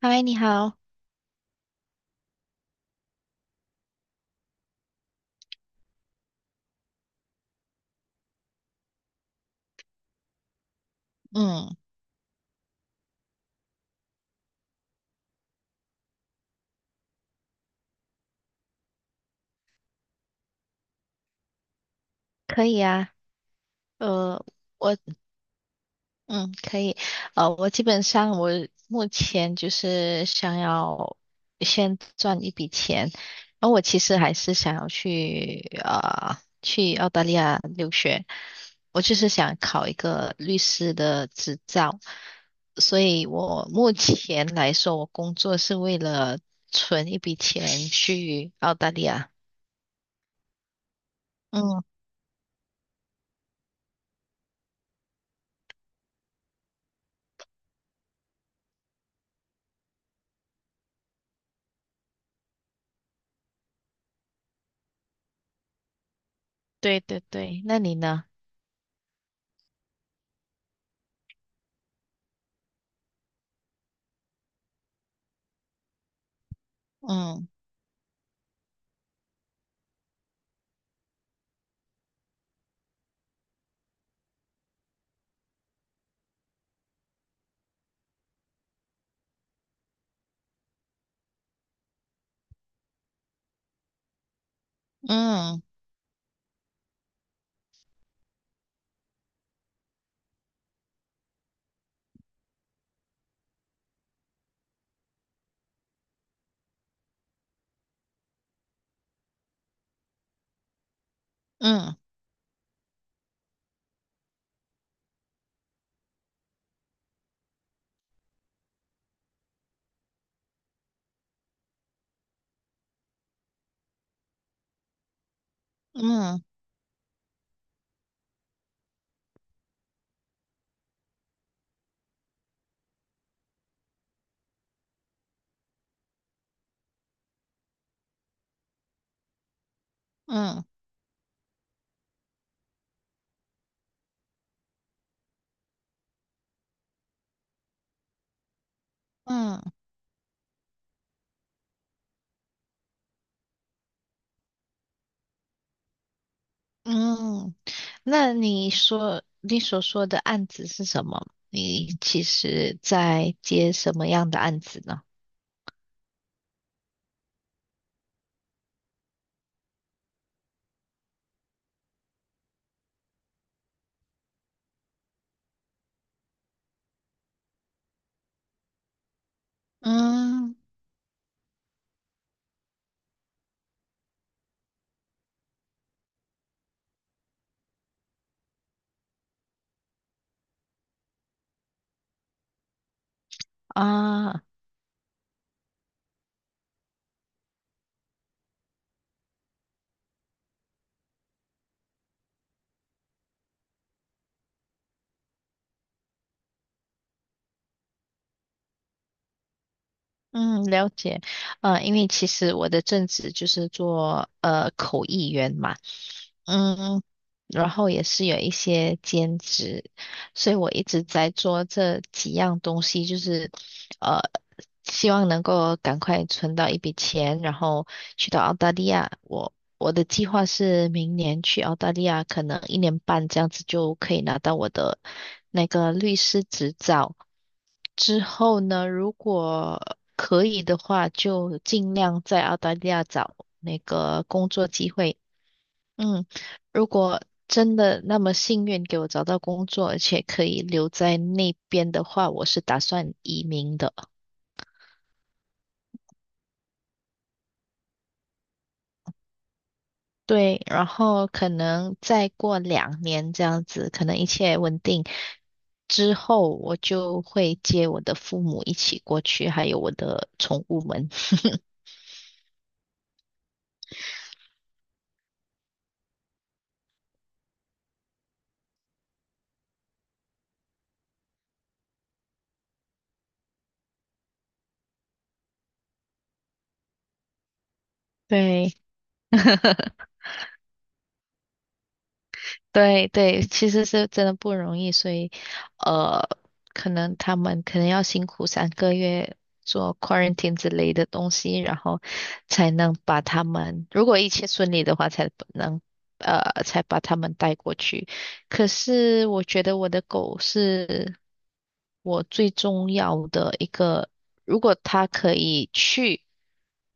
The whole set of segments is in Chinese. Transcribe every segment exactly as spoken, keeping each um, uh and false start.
嗨，你好。嗯，可以啊。呃，我，嗯，可以。呃，我基本上我目前就是想要先赚一笔钱，然后我其实还是想要去呃去澳大利亚留学。我就是想考一个律师的执照，所以我目前来说，我工作是为了存一笔钱去澳大利亚。嗯，对对对。那你呢？嗯。嗯嗯嗯嗯嗯嗯。那你说你所说的案子是什么？你其实在接什么样的案子呢？嗯啊嗯，了解。呃，因为其实我的正职就是做呃口译员嘛。嗯，然后也是有一些兼职，所以我一直在做这几样东西，就是呃，希望能够赶快存到一笔钱，然后去到澳大利亚。我我的计划是明年去澳大利亚，可能一年半这样子就可以拿到我的那个律师执照。之后呢，如果可以的话，就尽量在澳大利亚找那个工作机会。嗯。如果真的那么幸运给我找到工作，而且可以留在那边的话，我是打算移民的。对，然后可能再过两年这样子，可能一切稳定之后，我就会接我的父母一起过去，还有我的宠物们。对，对对，其实是真的不容易，所以呃，可能他们可能要辛苦三个月做 quarantine 之类的东西，然后才能把他们，如果一切顺利的话，才能呃才把他们带过去。可是我觉得我的狗是我最重要的一个，如果它可以去，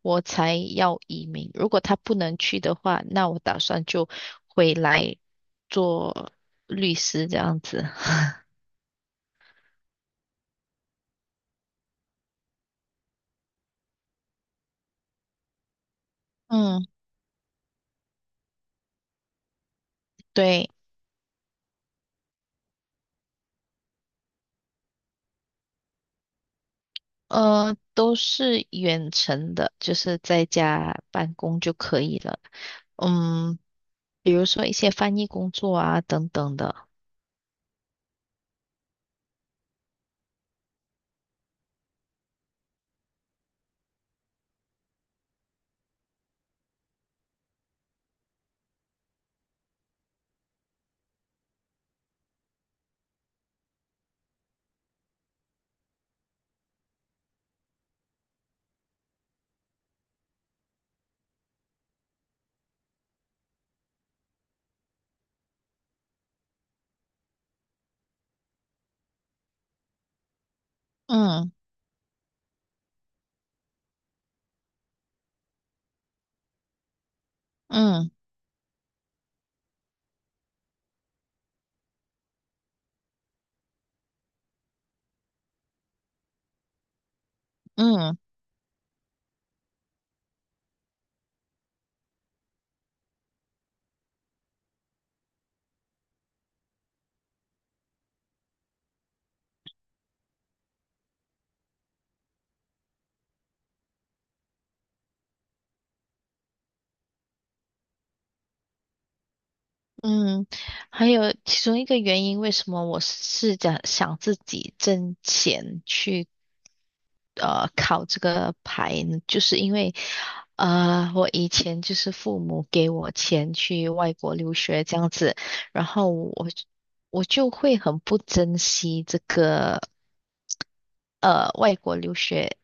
我才要移民。如果它不能去的话，那我打算就回来，做律师这样子。嗯，对。呃，都是远程的，就是在家办公就可以了。嗯，比如说一些翻译工作啊等等的。嗯嗯嗯。嗯，还有其中一个原因，为什么我是想想自己挣钱去呃考这个牌呢？就是因为呃，我以前就是父母给我钱去外国留学这样子，然后我我就会很不珍惜这个。呃外国留学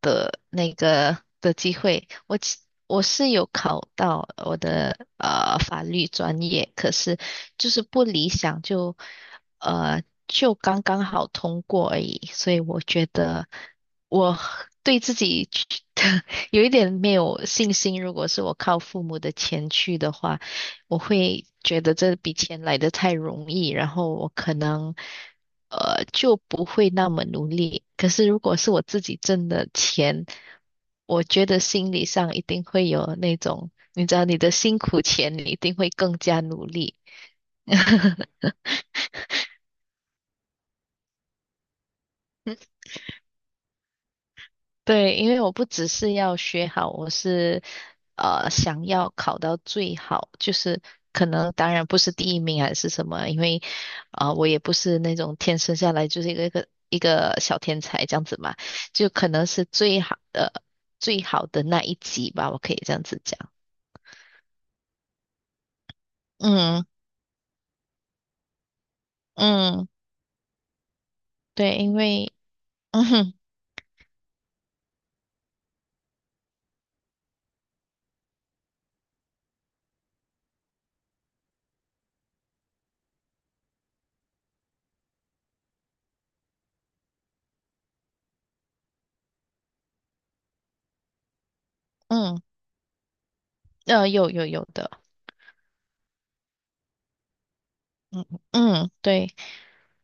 的那个的机会，我其我是有考到我的呃法律专业，可是就是不理想，就，呃就刚刚好通过而已，所以我觉得我对自己 有一点没有信心。如果是我靠父母的钱去的话，我会觉得这笔钱来得太容易，然后我可能呃就不会那么努力。可是如果是我自己挣的钱，我觉得心理上一定会有那种，你知道你的辛苦钱，你一定会更加努力。对，因为我不只是要学好，我是呃想要考到最好，就是可能当然不是第一名还是什么，因为呃我也不是那种天生下来就是一个一个一个小天才这样子嘛，就可能是最好的最好的那一级吧，我可以这样子讲。嗯嗯，对，因为嗯哼嗯呃有有有的，嗯嗯对。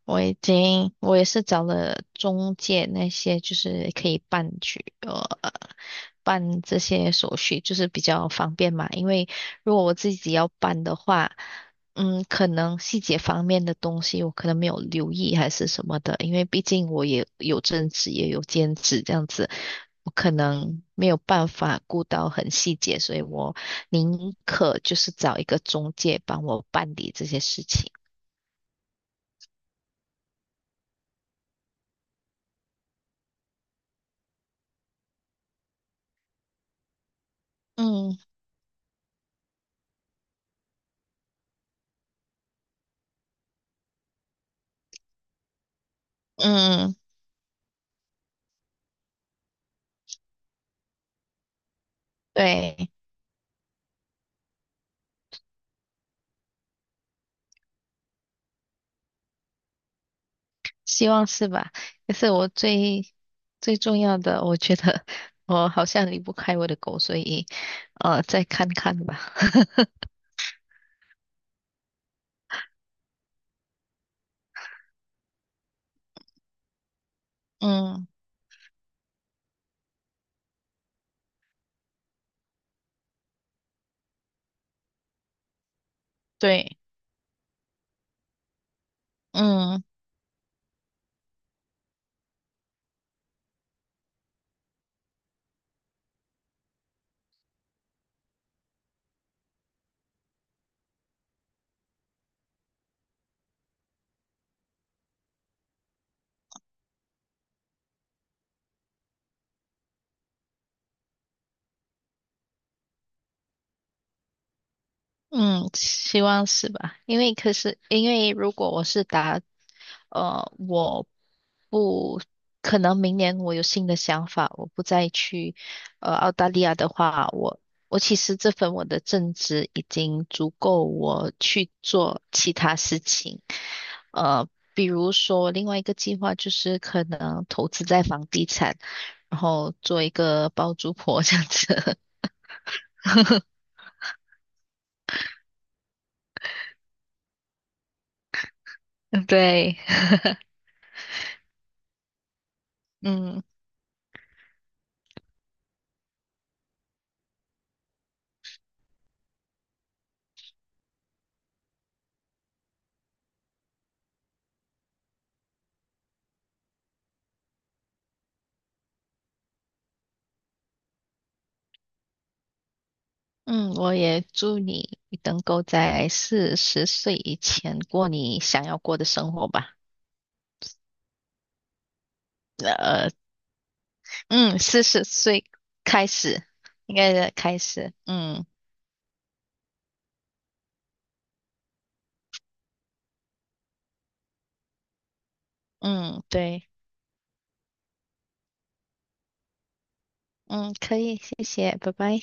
我已经，我也是找了中介那些，就是可以办去呃办这些手续，就是比较方便嘛。因为如果我自己要办的话，嗯，可能细节方面的东西我可能没有留意还是什么的，因为毕竟我也有正职也有兼职这样子，我可能没有办法顾到很细节，所以我宁可就是找一个中介帮我办理这些事情。嗯嗯对，希望是吧？可是我最最重要的，我觉得我好像离不开我的狗，所以呃，再看看吧。嗯，对，嗯嗯，希望是吧？因为可是因为如果我是打，呃，我不可能明年我有新的想法，我不再去呃澳大利亚的话，我我其实这份我的正职已经足够我去做其他事情。呃，比如说另外一个计划就是可能投资在房地产，然后做一个包租婆这样子。对，嗯嗯，我也祝你能够在四十岁以前过你想要过的生活吧。呃，嗯，四十岁开始，应该是开始。嗯嗯，对，嗯，可以，谢谢，拜拜。